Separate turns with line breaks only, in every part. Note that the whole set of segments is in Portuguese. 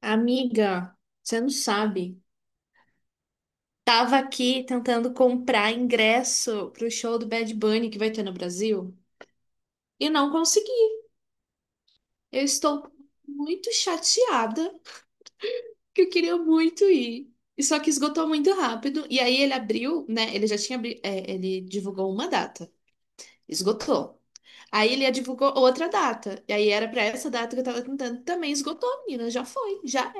Amiga, você não sabe. Tava aqui tentando comprar ingresso pro show do Bad Bunny que vai ter no Brasil e não consegui. Eu estou muito chateada que eu queria muito ir. E só que esgotou muito rápido. E aí ele abriu, né? Ele já tinha, ele divulgou uma data. Esgotou. Aí ele divulgou outra data. E aí era pra essa data que eu tava tentando. Também esgotou, menina. Já foi. Já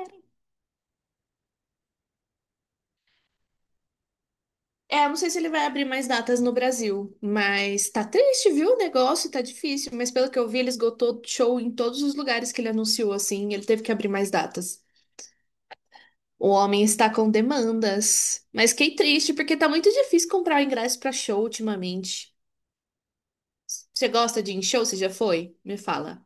é, eu não sei se ele vai abrir mais datas no Brasil, mas tá triste, viu? O negócio tá difícil, mas pelo que eu vi, ele esgotou show em todos os lugares que ele anunciou, assim, ele teve que abrir mais datas. O homem está com demandas, mas fiquei triste porque tá muito difícil comprar ingresso pra show ultimamente. Você gosta de ir em show? Você já foi? Me fala.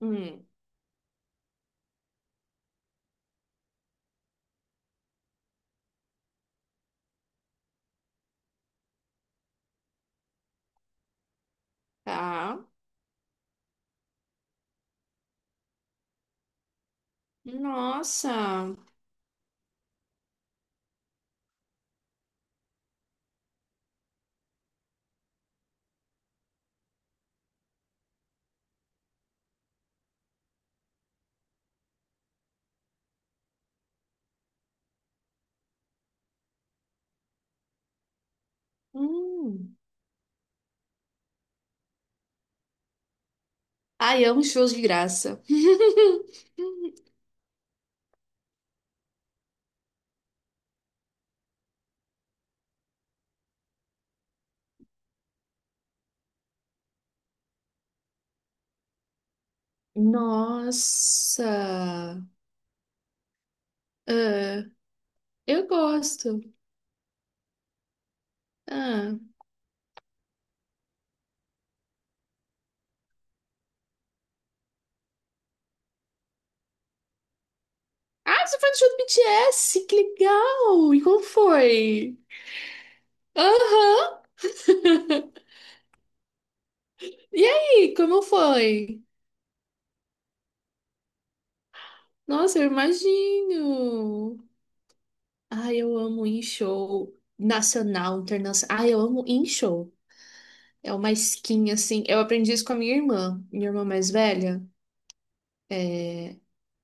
Hum, tá. Nossa. Hum. Ai, amo shows de graça. Nossa. Ah. Eu gosto. Ah. Ah, você foi no show do BTS? Que legal! E como foi? Aham! E aí, como foi? Nossa, eu imagino! Ai, eu amo ir em show nacional, internacional. Ai, eu amo ir em show. É uma skin, assim. Eu aprendi isso com a minha irmã mais velha.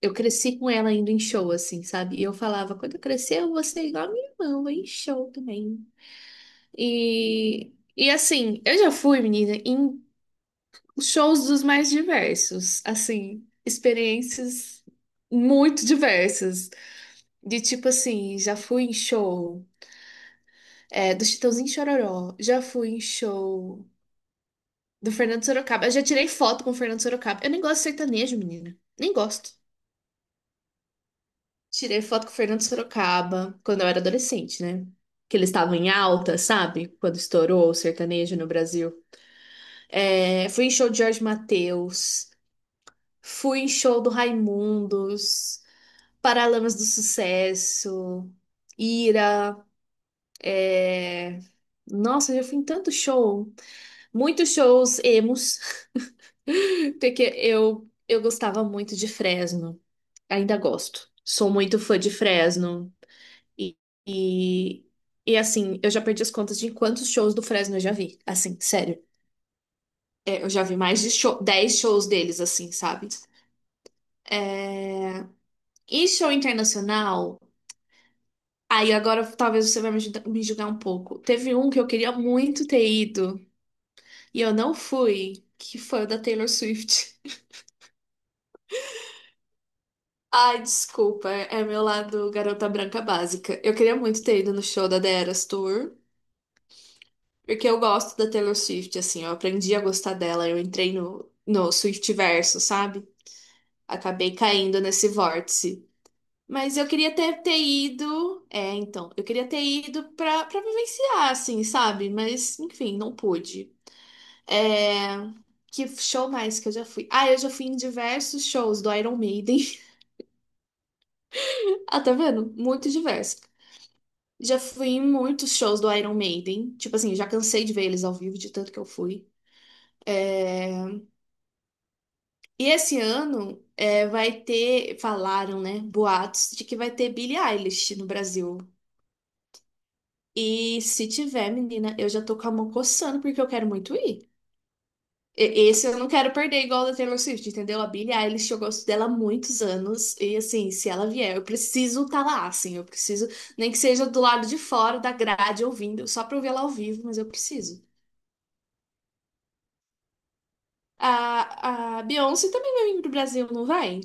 Eu cresci com ela indo em show, assim, sabe? E eu falava, quando eu crescer, eu vou ser igual a minha irmã, eu vou ir em show também. E assim, eu já fui, menina, em shows dos mais diversos, assim, experiências muito diversas. De tipo assim, já fui em show do Chitãozinho e Chororó, já fui em show do Fernando Sorocaba. Eu já tirei foto com o Fernando Sorocaba. Eu nem gosto de sertanejo, menina. Nem gosto. Tirei foto com o Fernando Sorocaba quando eu era adolescente, né? Que eles estavam em alta, sabe? Quando estourou o sertanejo no Brasil. É, fui em show de Jorge Mateus, fui em show do Raimundos. Paralamas do Sucesso, Ira, é... Nossa, eu já fui em tanto show. Muitos shows emos, porque eu gostava muito de Fresno. Ainda gosto. Sou muito fã de Fresno. E, e, assim, eu já perdi as contas de quantos shows do Fresno eu já vi. Assim, sério. É, eu já vi mais de show, 10 shows deles, assim, sabe? E show internacional. Aí agora talvez você vai me julgar um pouco. Teve um que eu queria muito ter ido e eu não fui, que foi o da Taylor Swift. Ai, desculpa, é meu lado garota branca básica. Eu queria muito ter ido no show da The Eras Tour, porque eu gosto da Taylor Swift, assim, eu aprendi a gostar dela, eu entrei no Swiftiverso, sabe? Acabei caindo nesse vórtice. Mas eu queria ter, ter ido. É, então, eu queria ter ido pra vivenciar, assim, sabe? Mas, enfim, não pude. É, que show mais que eu já fui? Ah, eu já fui em diversos shows do Iron Maiden. Ah, tá vendo? Muito diverso. Já fui em muitos shows do Iron Maiden. Tipo assim, já cansei de ver eles ao vivo, de tanto que eu fui. É, e esse ano vai ter, falaram, né, boatos de que vai ter Billie Eilish no Brasil. E se tiver, menina, eu já tô com a mão coçando porque eu quero muito ir. E- esse eu não quero perder igual o da Taylor Swift, entendeu? A Billie Eilish, eu gosto dela há muitos anos. E assim, se ela vier, eu preciso estar lá, assim. Eu preciso, nem que seja do lado de fora da grade, ouvindo, só pra eu ver ela ao vivo, mas eu preciso. A Beyoncé também vai vir pro Brasil, não vai?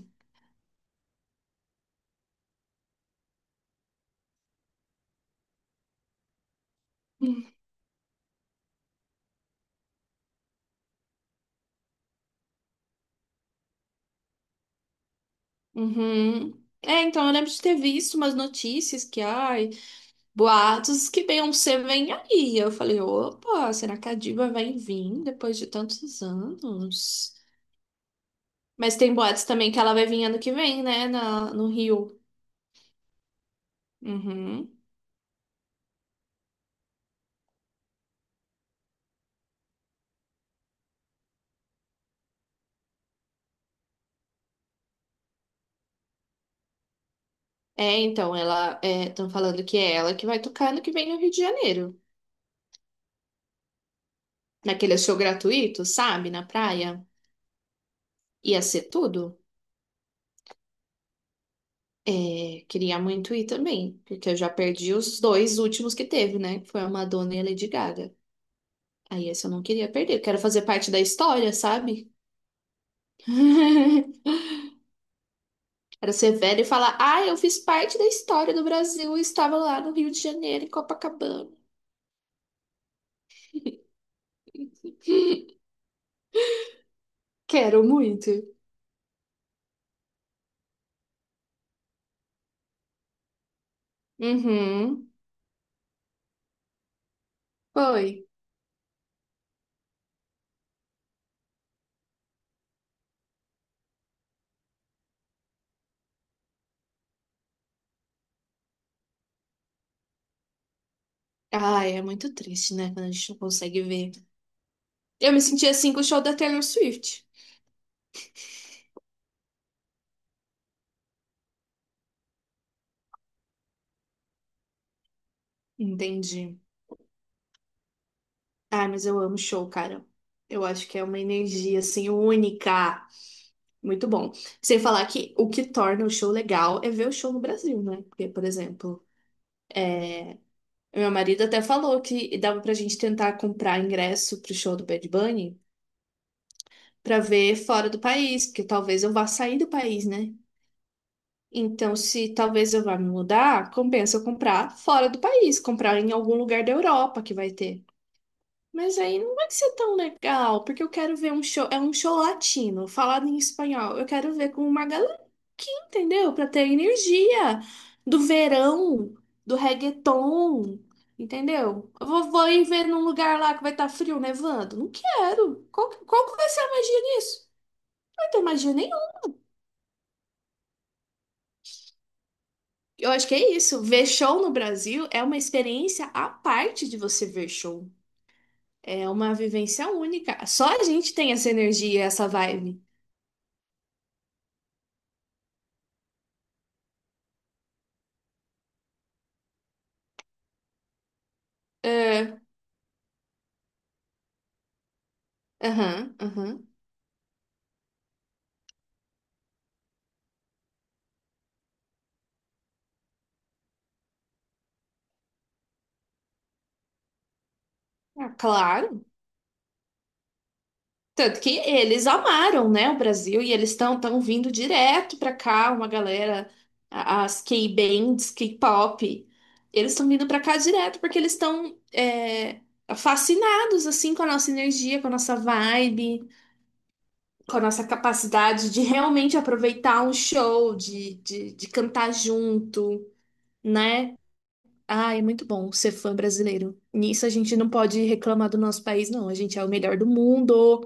Uhum. É, então eu lembro de ter visto umas notícias que, ai, boatos que Beyoncé vem aí. Eu falei, opa, será que a diva vai vir depois de tantos anos? Mas tem boatos também que ela vai vir ano que vem, né? No Rio. Uhum. É, então, ela. Estão falando que é ela que vai tocar ano que vem no Rio de Janeiro. Naquele show gratuito, sabe? Na praia. Ia ser tudo. É, queria muito ir também, porque eu já perdi os dois últimos que teve, né? Que foi a Madonna e a Lady Gaga. Aí esse eu não queria perder. Eu quero fazer parte da história, sabe? Quero ser velha e falar: ah, eu fiz parte da história do Brasil e estava lá no Rio de Janeiro, em Copacabana. Quero muito. Uhum. Foi. Ai, é muito triste, né? Quando a gente não consegue ver. Eu me senti assim com o show da Taylor Swift. Entendi. Ai, mas eu amo show, cara. Eu acho que é uma energia, assim, única. Muito bom. Sem falar que o que torna o show legal é ver o show no Brasil, né? Porque, por exemplo, meu marido até falou que dava pra gente tentar comprar ingresso pro show do Bad Bunny pra ver fora do país, porque talvez eu vá sair do país, né? Então, se talvez eu vá me mudar, compensa eu comprar fora do país, comprar em algum lugar da Europa que vai ter. Mas aí não vai ser tão legal, porque eu quero ver um show, é um show latino, falado em espanhol. Eu quero ver com uma galera que entendeu, para ter energia do verão, do reggaeton, entendeu? Eu vou, vou ir ver num lugar lá que vai estar frio, nevando. Não quero. Qual, qual que vai ser a magia nisso? Não vai ter magia. Eu acho que é isso. Ver show no Brasil é uma experiência à parte de você ver show. É uma vivência única. Só a gente tem essa energia, essa vibe. É, aham, aham. Ah, claro. Tanto que eles amaram, né, o Brasil e eles estão tão vindo direto pra cá, uma galera, as K-bands, K-pop, eles estão vindo pra cá direto porque eles estão fascinados assim com a nossa energia, com a nossa vibe. Com a nossa capacidade de realmente aproveitar um show, de cantar junto, né? Ah, é muito bom ser fã brasileiro. Nisso a gente não pode reclamar do nosso país, não. A gente é o melhor do mundo.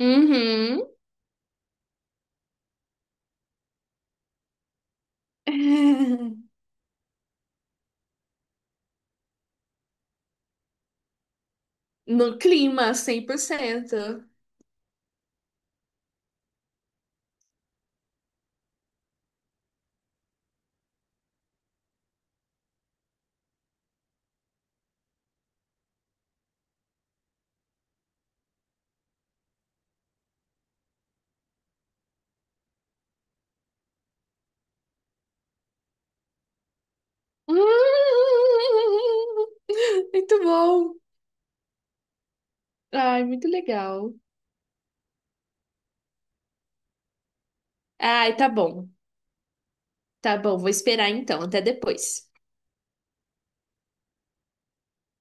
Uhum. No clima, 100%. Hum, muito bom. Ai, muito legal. Ai, tá bom. Tá bom, vou esperar então. Até depois.